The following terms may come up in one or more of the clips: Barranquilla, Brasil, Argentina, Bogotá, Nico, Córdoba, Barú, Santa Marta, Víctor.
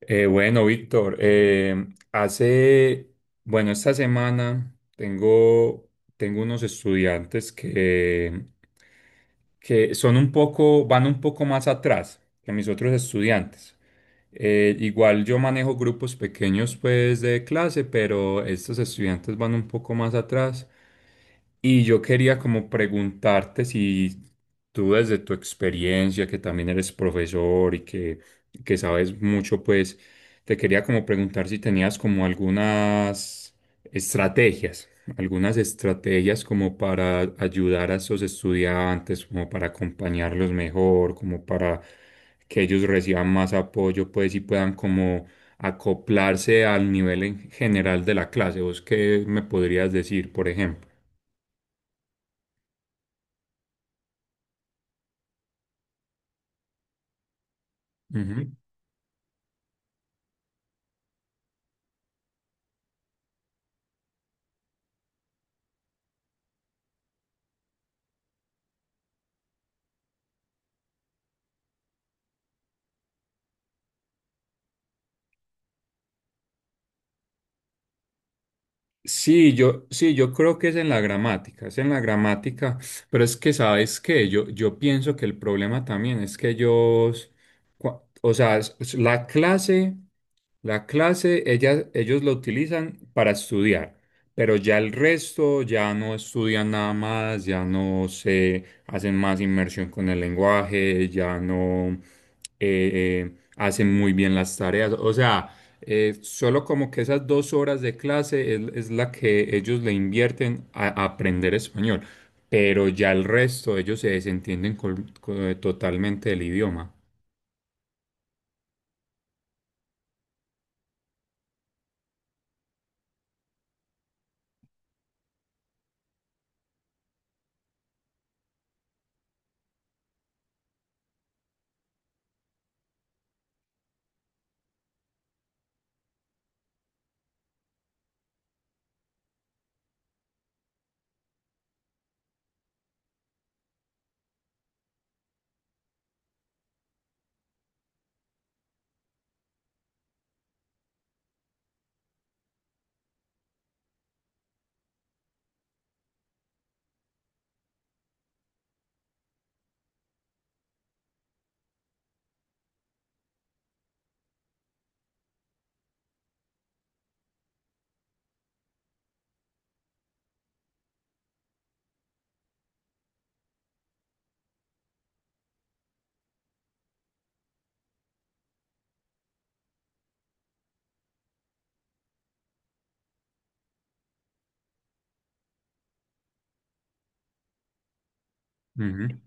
Bueno, Víctor, hace, bueno, esta semana tengo unos estudiantes que son un poco, van un poco más atrás que mis otros estudiantes. Igual yo manejo grupos pequeños pues de clase, pero estos estudiantes van un poco más atrás. Y yo quería como preguntarte si tú desde tu experiencia, que también eres profesor y que sabes mucho, pues te quería como preguntar si tenías como estrategias, algunas estrategias como para ayudar a esos estudiantes, como para acompañarlos mejor, como para que ellos reciban más apoyo, pues y puedan como acoplarse al nivel en general de la clase. ¿Vos qué me podrías decir, por ejemplo? Ujú. Sí, yo, sí, yo creo que es en la gramática, es en la gramática, pero es que, ¿sabes qué? Yo pienso que el problema también es que ellos, o sea, es la clase, ellas, ellos la utilizan para estudiar, pero ya el resto ya no estudian nada más, ya no se hacen más inmersión con el lenguaje, ya no hacen muy bien las tareas, o sea. Solo como que esas dos horas de clase es la que ellos le invierten a aprender español, pero ya el resto ellos se desentienden totalmente del idioma. Ujú,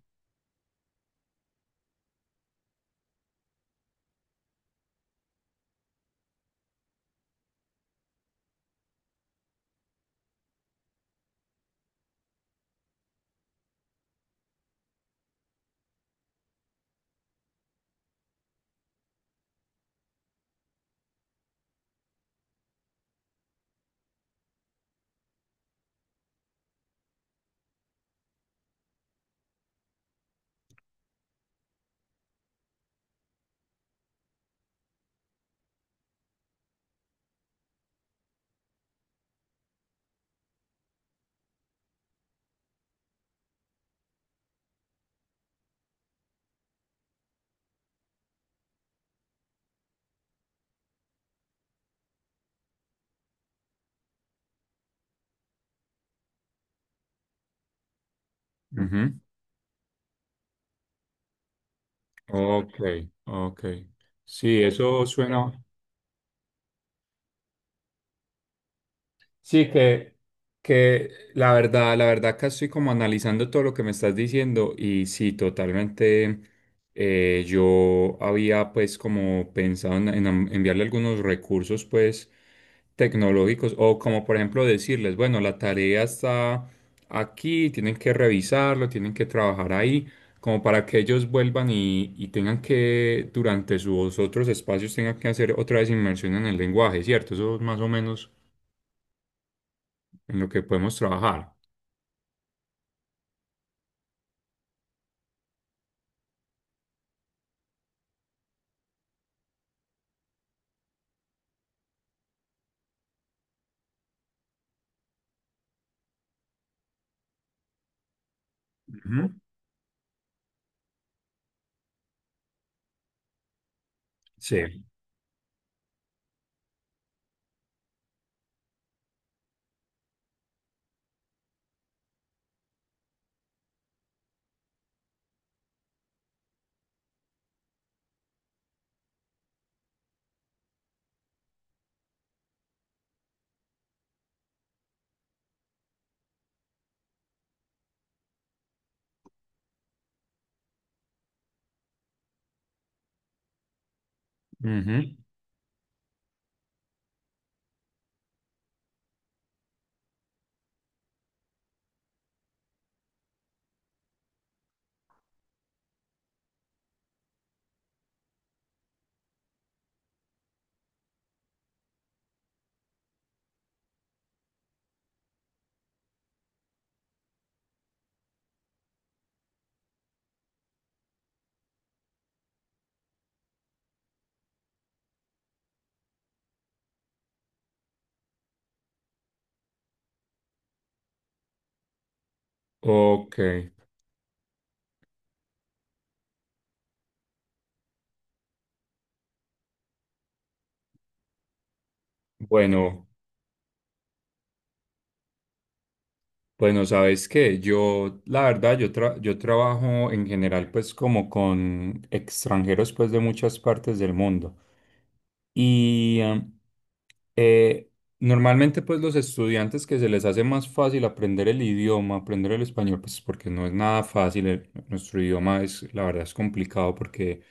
ujú. Ok, ok. Sí, eso suena. Sí, que la verdad acá estoy como analizando todo lo que me estás diciendo y sí, totalmente yo había pues como pensado en, enviarle algunos recursos pues tecnológicos o como por ejemplo decirles, bueno, la tarea está aquí, tienen que revisarlo, tienen que trabajar ahí, como para que ellos vuelvan y tengan que durante sus otros espacios tengan que hacer otra vez inmersión en el lenguaje, ¿cierto? Eso es más o menos en lo que podemos trabajar. Ujú, sí. Ujú. Ok. Bueno, bueno, ¿sabes qué? Yo, la verdad, yo, yo trabajo en general pues como con extranjeros pues de muchas partes del mundo. Y eh, normalmente pues los estudiantes que se les hace más fácil aprender el idioma, aprender el español, pues porque no es nada fácil, el- nuestro idioma es, la verdad es complicado porque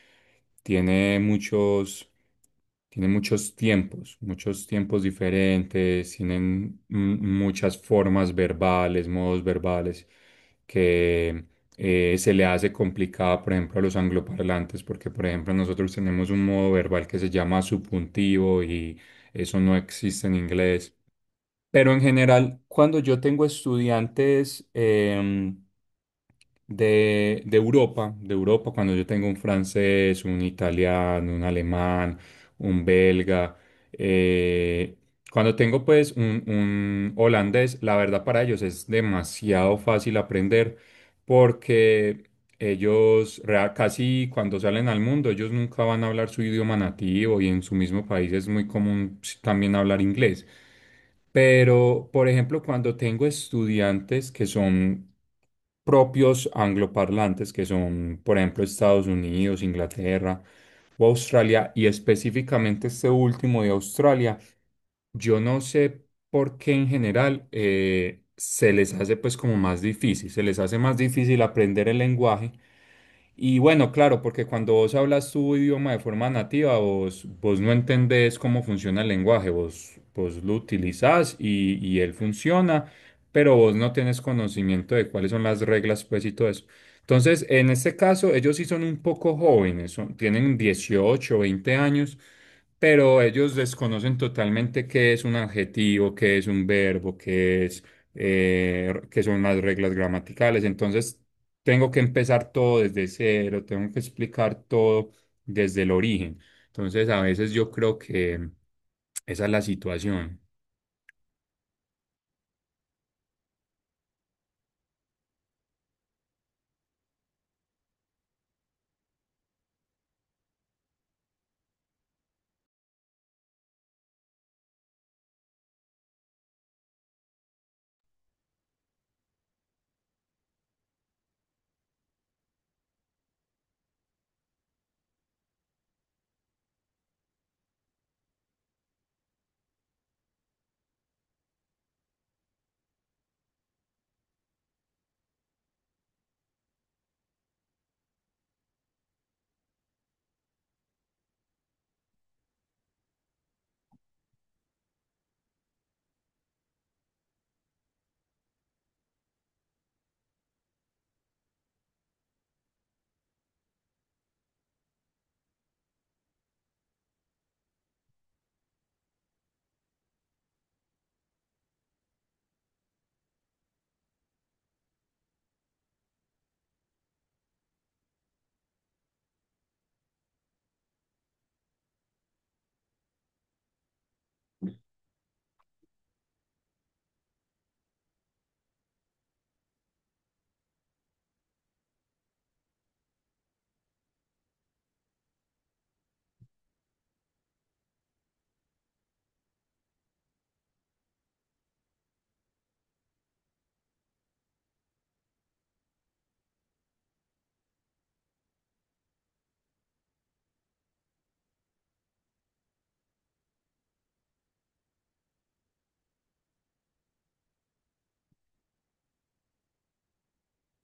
tiene muchos, tiene muchos tiempos diferentes, tienen muchas formas verbales, modos verbales que se le hace complicada, por ejemplo, a los angloparlantes, porque, por ejemplo, nosotros tenemos un modo verbal que se llama subjuntivo y eso no existe en inglés. Pero en general, cuando yo tengo estudiantes de Europa, cuando yo tengo un francés, un italiano, un alemán, un belga, eh, cuando tengo pues un holandés, la verdad para ellos es demasiado fácil aprender porque ellos casi cuando salen al mundo, ellos nunca van a hablar su idioma nativo y en su mismo país es muy común pues, también hablar inglés. Pero, por ejemplo, cuando tengo estudiantes que son propios angloparlantes, que son, por ejemplo, Estados Unidos, Inglaterra o Australia, y específicamente este último de Australia, yo no sé por qué en general se les hace pues como más difícil, se les hace más difícil aprender el lenguaje y bueno, claro, porque cuando vos hablas tu idioma de forma nativa, vos, vos no entendés cómo funciona el lenguaje, vos, vos lo utilizás y él funciona, pero vos no tenés conocimiento de cuáles son las reglas, pues y todo eso. Entonces, en este caso, ellos sí son un poco jóvenes, son- tienen 18, 20 años, pero ellos desconocen totalmente qué es un adjetivo, qué es un verbo, qué es, qué son las reglas gramaticales. Entonces, tengo que empezar todo desde cero, tengo que explicar todo desde el origen. Entonces, a veces yo creo que esa es la situación.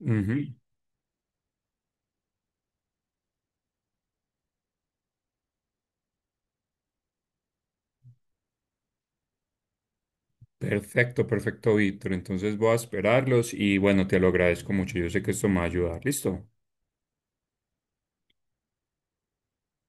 Ujú. Perfecto, perfecto, Víctor. Entonces voy a esperarlos y bueno, te lo agradezco mucho. Yo sé que esto me va a ayudar. ¿Listo?